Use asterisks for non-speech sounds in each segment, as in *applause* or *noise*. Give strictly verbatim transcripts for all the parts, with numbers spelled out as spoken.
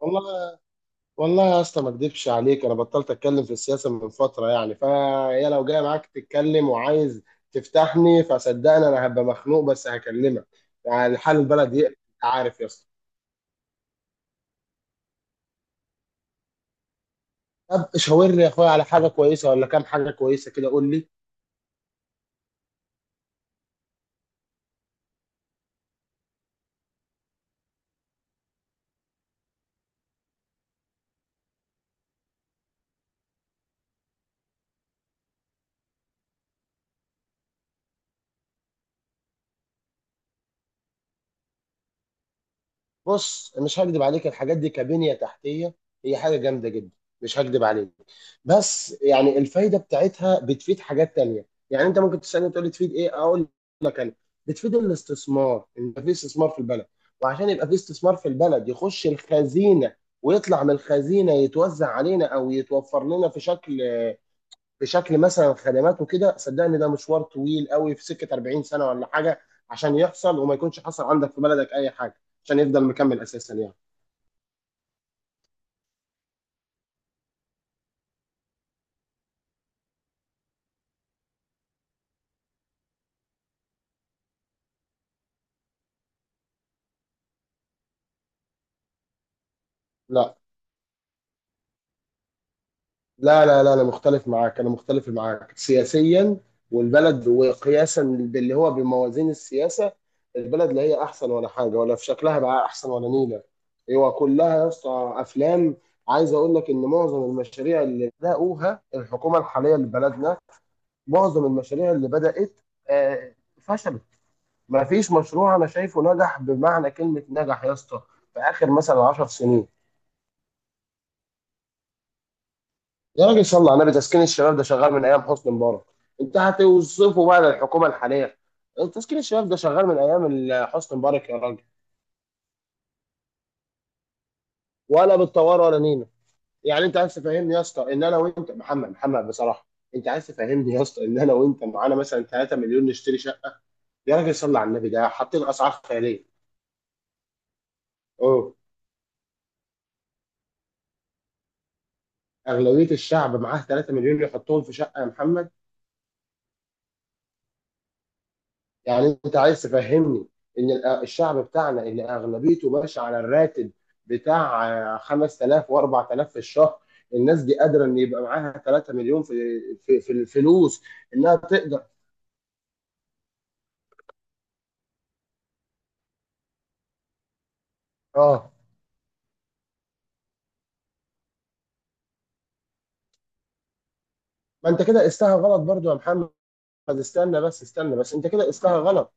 والله والله يا اسطى، ما اكدبش عليك. انا بطلت اتكلم في السياسه من فتره يعني، فهي لو جاي معاك تتكلم وعايز تفتحني فصدقني انا هبقى مخنوق بس هكلمك. يعني حال البلد يقلق، انت عارف يا اسطى. طب شاور لي يا اخويا على حاجه كويسه، ولا كام حاجه كويسه كده، قول لي. بص، مش هكدب عليك، الحاجات دي كبنية تحتية هي حاجة جامدة جدا، مش هكدب عليك. بس يعني الفايدة بتاعتها بتفيد حاجات تانية. يعني انت ممكن تسألني تقول لي تفيد ايه، اقول لك انا بتفيد الاستثمار، ان يبقى في استثمار في البلد. وعشان يبقى في استثمار في البلد يخش الخزينة، ويطلع من الخزينة يتوزع علينا او يتوفر لنا في شكل، بشكل مثلا خدمات وكده. صدقني ده مشوار طويل قوي في سكه اربعين سنة سنه ولا حاجه، عشان يحصل وما يكونش حصل عندك في بلدك اي حاجه، عشان يفضل مكمل اساسا يعني. لا لا لا لا، انا مختلف معاك، انا مختلف معاك سياسيا. والبلد وقياسا باللي هو بموازين السياسه، البلد لا هي احسن ولا حاجه، ولا في شكلها بقى احسن ولا نيله. هو كلها يا اسطى افلام. عايز اقول لك ان معظم المشاريع اللي بدأوها الحكومه الحاليه لبلدنا، معظم المشاريع اللي بدأت آه، فشلت. ما فيش مشروع انا شايفه نجح بمعنى كلمة نجح يا اسطى، في اخر مثلا 10 سنين. يا راجل صل على النبي، تسكين الشباب ده شغال من ايام حسني مبارك، انت هتوصفه بقى للحكومة الحالية؟ تسكين الشباب ده شغال من ايام ال- حسني مبارك يا راجل. ولا بتطور ولا نينا. يعني انت عايز تفهمني يا اسطى ان انا وانت محمد محمد بصراحة، انت عايز تفهمني يا اسطى ان انا وانت معانا مثلا 3 مليون نشتري شقة؟ يا راجل صل على النبي، ده حاطين اسعار خيالية. اغلبيه الشعب معاه 3 مليون يحطهم في شقه يا محمد؟ يعني انت عايز تفهمني ان ال- الشعب بتاعنا اللي اغلبيته ماشي على الراتب بتاع آه، خمسة آلاف و4000 في الشهر، الناس دي قادره ان يبقى معاها 3 مليون في في في الفلوس؟ انها تقدر. اه، ما انت كده قستها غلط برضو يا محمد. استنى بس، استنى بس، انت كده قستها غلط.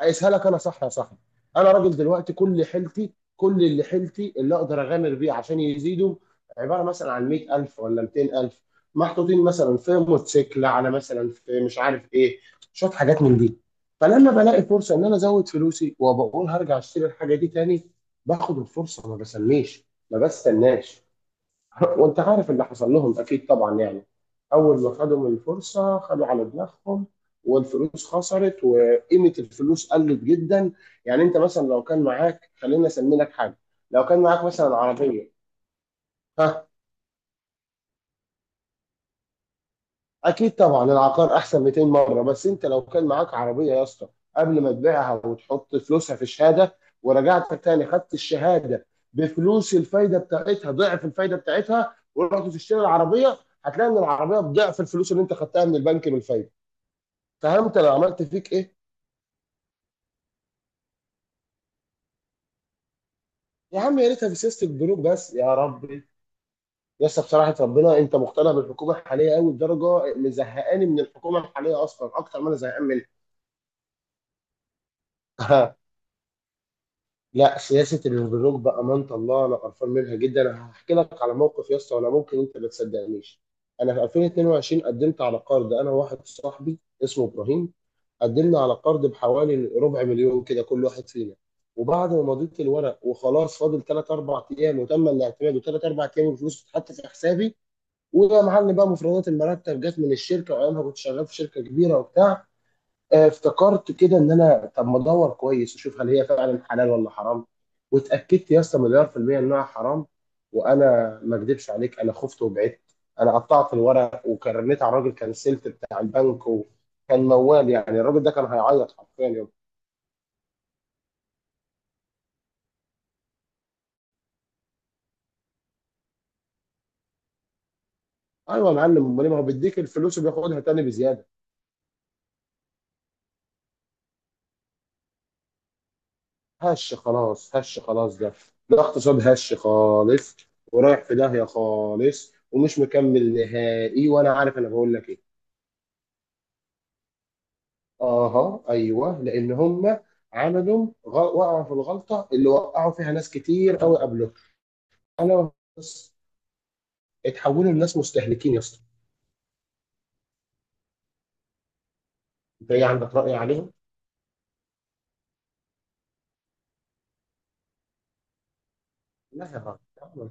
هيسهلك انا، صح يا صاحبي؟ انا راجل دلوقتي كل حيلتي كل اللي حيلتي اللي اقدر اغامر بيه عشان يزيدوا، عباره مثلا عن مئة الف ولا ميتين الف، محطوطين مثلا في موتوسيكل، على مثلا في مش عارف ايه، شويه حاجات من دي. فلما بلاقي فرصه ان انا ازود فلوسي، وبقول هرجع اشتري الحاجه دي تاني، باخد الفرصه ما بسميش ما بستناش. وانت عارف اللي حصل لهم اكيد طبعا يعني. اول ما خدوا من الفرصه خدوا على دماغهم، والفلوس خسرت وقيمه الفلوس قلت جدا. يعني انت مثلا لو كان معاك، خلينا اسمي لك حاجه، لو كان معاك مثلا عربيه. ها، اكيد طبعا العقار احسن ميتين مرة مره. بس انت لو كان معاك عربيه يا اسطى، قبل ما تبيعها وتحط فلوسها في الشهاده، ورجعت تاني خدت الشهاده بفلوس الفايده بتاعتها ضعف الفايده بتاعتها، ورحت تشتري العربيه، هتلاقي ان العربيه بضعف الفلوس اللي انت خدتها من البنك بالفايده. فهمت انا عملت فيك ايه؟ يا عم يا ريتها في سياسه البنوك بس يا ربي. يا اسطى بصراحه، ربنا، انت مقتنع بالحكومه الحاليه قوي لدرجه مزهقاني من الحكومه الحاليه اصلا اكتر ما انا زهقان منها. *laughs* لا، سياسة البنوك بأمانة الله أنا قرفان منها جدا. أنا هحكي لك على موقف يا اسطى ولا ممكن أنت ما تصدقنيش. أنا في الفين واتنين وعشرين قدمت على قرض، أنا وواحد صاحبي اسمه إبراهيم. قدمنا على قرض بحوالي ربع مليون كده كل واحد فينا، وبعد ما مضيت الورق وخلاص فاضل ثلاث أربع أيام وتم الاعتماد، وثلاث أربع أيام الفلوس اتحط في حسابي. ويا معلم بقى، مفردات المرتب جت من الشركة وأيامها كنت شغال في شركة كبيرة وبتاع، آه، افتكرت كده ان انا طب ما ادور كويس واشوف هل هي فعلا حلال ولا حرام. واتاكدت يا اسطى مليار في الميه انها حرام. وانا ما اكذبش عليك، انا خفت وبعدت. انا قطعت الورق، وكرنيت على الراجل كنسلت بتاع البنك، وكان موال يعني الراجل ده كان هيعيط حرفيا يوم. ايوه يا معلم، امال إيه؟ ما هو بيديك الفلوس وبياخدها تاني بزياده. هش خلاص، هش خلاص ده ده اقتصاد هش خالص، ورايح في داهيه خالص ومش مكمل نهائي، وانا عارف انا بقول لك ايه. اها، ايوه، لان هم عملوا غ- وقعوا في الغلطه اللي وقعوا فيها ناس كتير قوي قبلهم. انا بس، اتحولوا لناس مستهلكين يا اسطى. انت ايه عندك راي عليهم؟ لا يا راجل تعالى.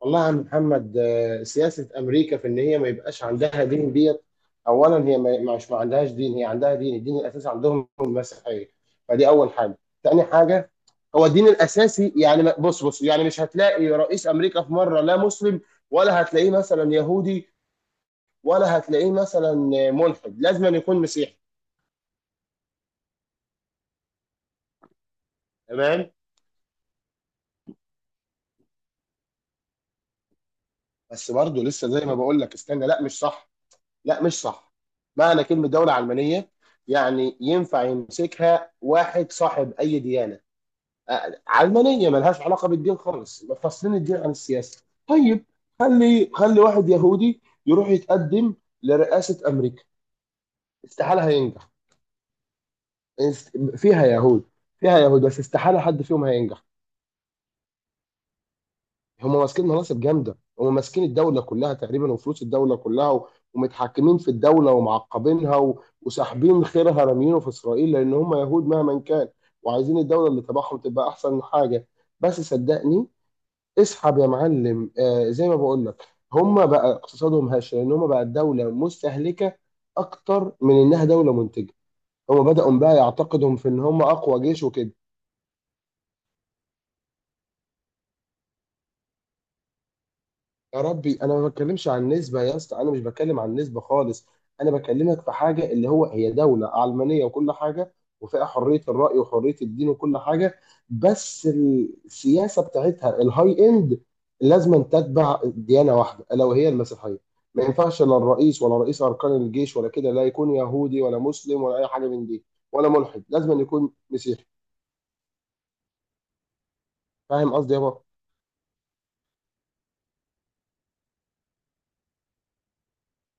والله يا عم محمد، آه، سياسه امريكا في ان هي ما يبقاش عندها دين ديت. اولا، هي ما ما- مش ما عندهاش دين، هي عندها دين، الدين الاساسي عندهم هو المسيحيه. فدي اول حاجه، تاني حاجه هو الدين الاساسي يعني، ما- بص بص يعني مش هتلاقي رئيس امريكا في مره لا مسلم، ولا هتلاقيه مثلا يهودي، ولا هتلاقيه مثلا ملحد، لازم أن يكون مسيحي. تمام. بس برضه لسه زي ما بقول لك، استنى، لا مش صح، لا مش صح. معنى كلمة دولة علمانية يعني ينفع يمسكها واحد صاحب أي ديانة، آه، علمانية ملهاش علاقة بالدين خالص، مفصلين الدين عن السياسة. طيب، خلي خلي واحد يهودي يروح يتقدم لرئاسة أمريكا، استحالة هينجح. است- فيها يهود فيها يهود بس استحالة حد فيهم هينجح. هم ماسكين مناصب جامده، هم ماسكين الدوله كلها تقريبا وفلوس الدوله كلها، و- ومتحكمين في الدوله ومعقبينها، و- وساحبين خيرها رامينه في اسرائيل، لان هم يهود مهما كان، وعايزين الدوله اللي تبعهم تبقى احسن حاجه. بس صدقني، اسحب يا معلم، آه زي ما بقول لك، هم بقى اقتصادهم هش لان هم بقى الدوله مستهلكه اكتر من انها دوله منتجه. هم بداوا بقى يعتقدهم في ان هم اقوى جيش وكده. يا ربي، انا ما بتكلمش عن نسبه يا اسطى، انا مش بتكلم عن نسبه خالص، انا بكلمك في حاجه اللي هو هي دوله علمانيه وكل حاجه، وفيها حريه الراي وحريه الدين وكل حاجه، بس السياسه بتاعتها الهاي اند، لازم تتبع ديانه واحده الا وهي المسيحيه. ما ينفعش لا الرئيس ولا رئيس اركان الجيش ولا كده لا يكون يهودي ولا مسلم ولا اي حاجه من دي، ولا ملحد، لازم يكون مسيحي. فاهم قصدي يابا؟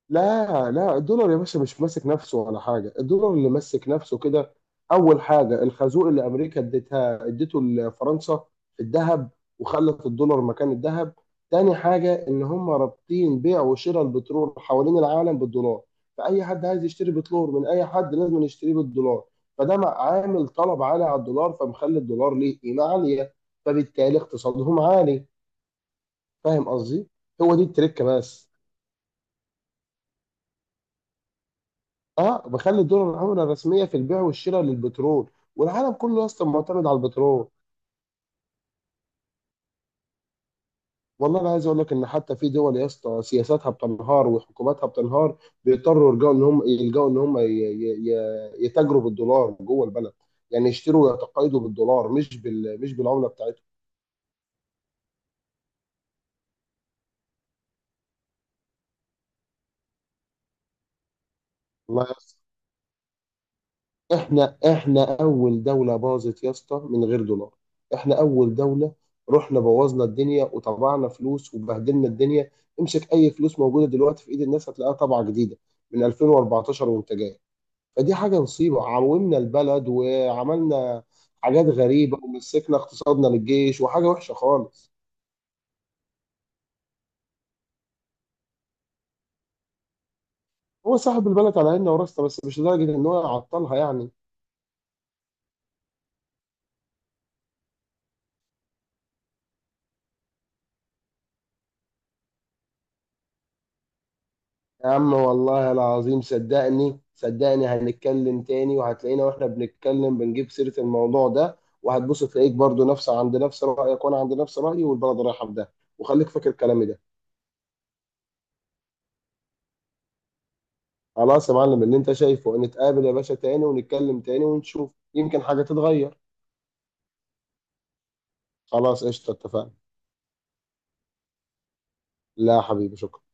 لا لا، الدولار يا باشا مش ماسك نفسه ولا حاجة، الدولار اللي ماسك نفسه كده، أول حاجة الخازوق اللي أمريكا اديتها اديته لفرنسا في الذهب، وخلت الدولار مكان الذهب. تاني حاجة إن هم رابطين بيع وشراء البترول حوالين العالم بالدولار، فأي حد عايز يشتري بترول من أي حد لازم يشتريه بالدولار. فده مع- عامل طلب عالي على الدولار، فمخلي الدولار ليه قيمة عالية، فبالتالي اقتصادهم عالي. فاهم قصدي؟ هو دي التركة بس. اه، بخلي الدولار العمله الرسميه في البيع والشراء للبترول، والعالم كله يا اسطى معتمد على البترول. والله انا عايز اقول لك ان حتى في دول يا اسطى سياساتها بتنهار وحكوماتها بتنهار، بيضطروا يلجأوا ان هم يلجأوا ان هم ي- ي- ي- يتاجروا بالدولار جوه البلد. يعني يشتروا ويتقايضوا بالدولار مش بال... مش بالعمله بتاعتهم. والله احنا احنا اول دوله باظت يا اسطى من غير دولار، احنا اول دوله. رحنا بوظنا الدنيا وطبعنا فلوس وبهدلنا الدنيا. امسك اي فلوس موجوده دلوقتي في ايد الناس هتلاقيها طبعه جديده من الفين واربعتاشر وانت جاي. فدي حاجه مصيبه، عومنا البلد وعملنا حاجات غريبه ومسكنا اقتصادنا للجيش، وحاجه وحشه خالص. هو صاحب البلد على عيننا وراسنا، بس مش لدرجه ان هو يعطلها يعني. يا عم والله العظيم صدقني صدقني، هنتكلم تاني وهتلاقينا واحنا بنتكلم بنجيب سيرة الموضوع ده، وهتبص تلاقيك برضو نفس عند نفس رأيك وانا عند نفس رأيي، والبلد رايحة في ده، وخليك فاكر كلامي ده. خلاص يا معلم، اللي انت شايفه نتقابل يا باشا تاني ونتكلم تاني ونشوف يمكن حاجة تتغير. خلاص قشطة، اتفقنا. لا يا حبيبي، شكرا.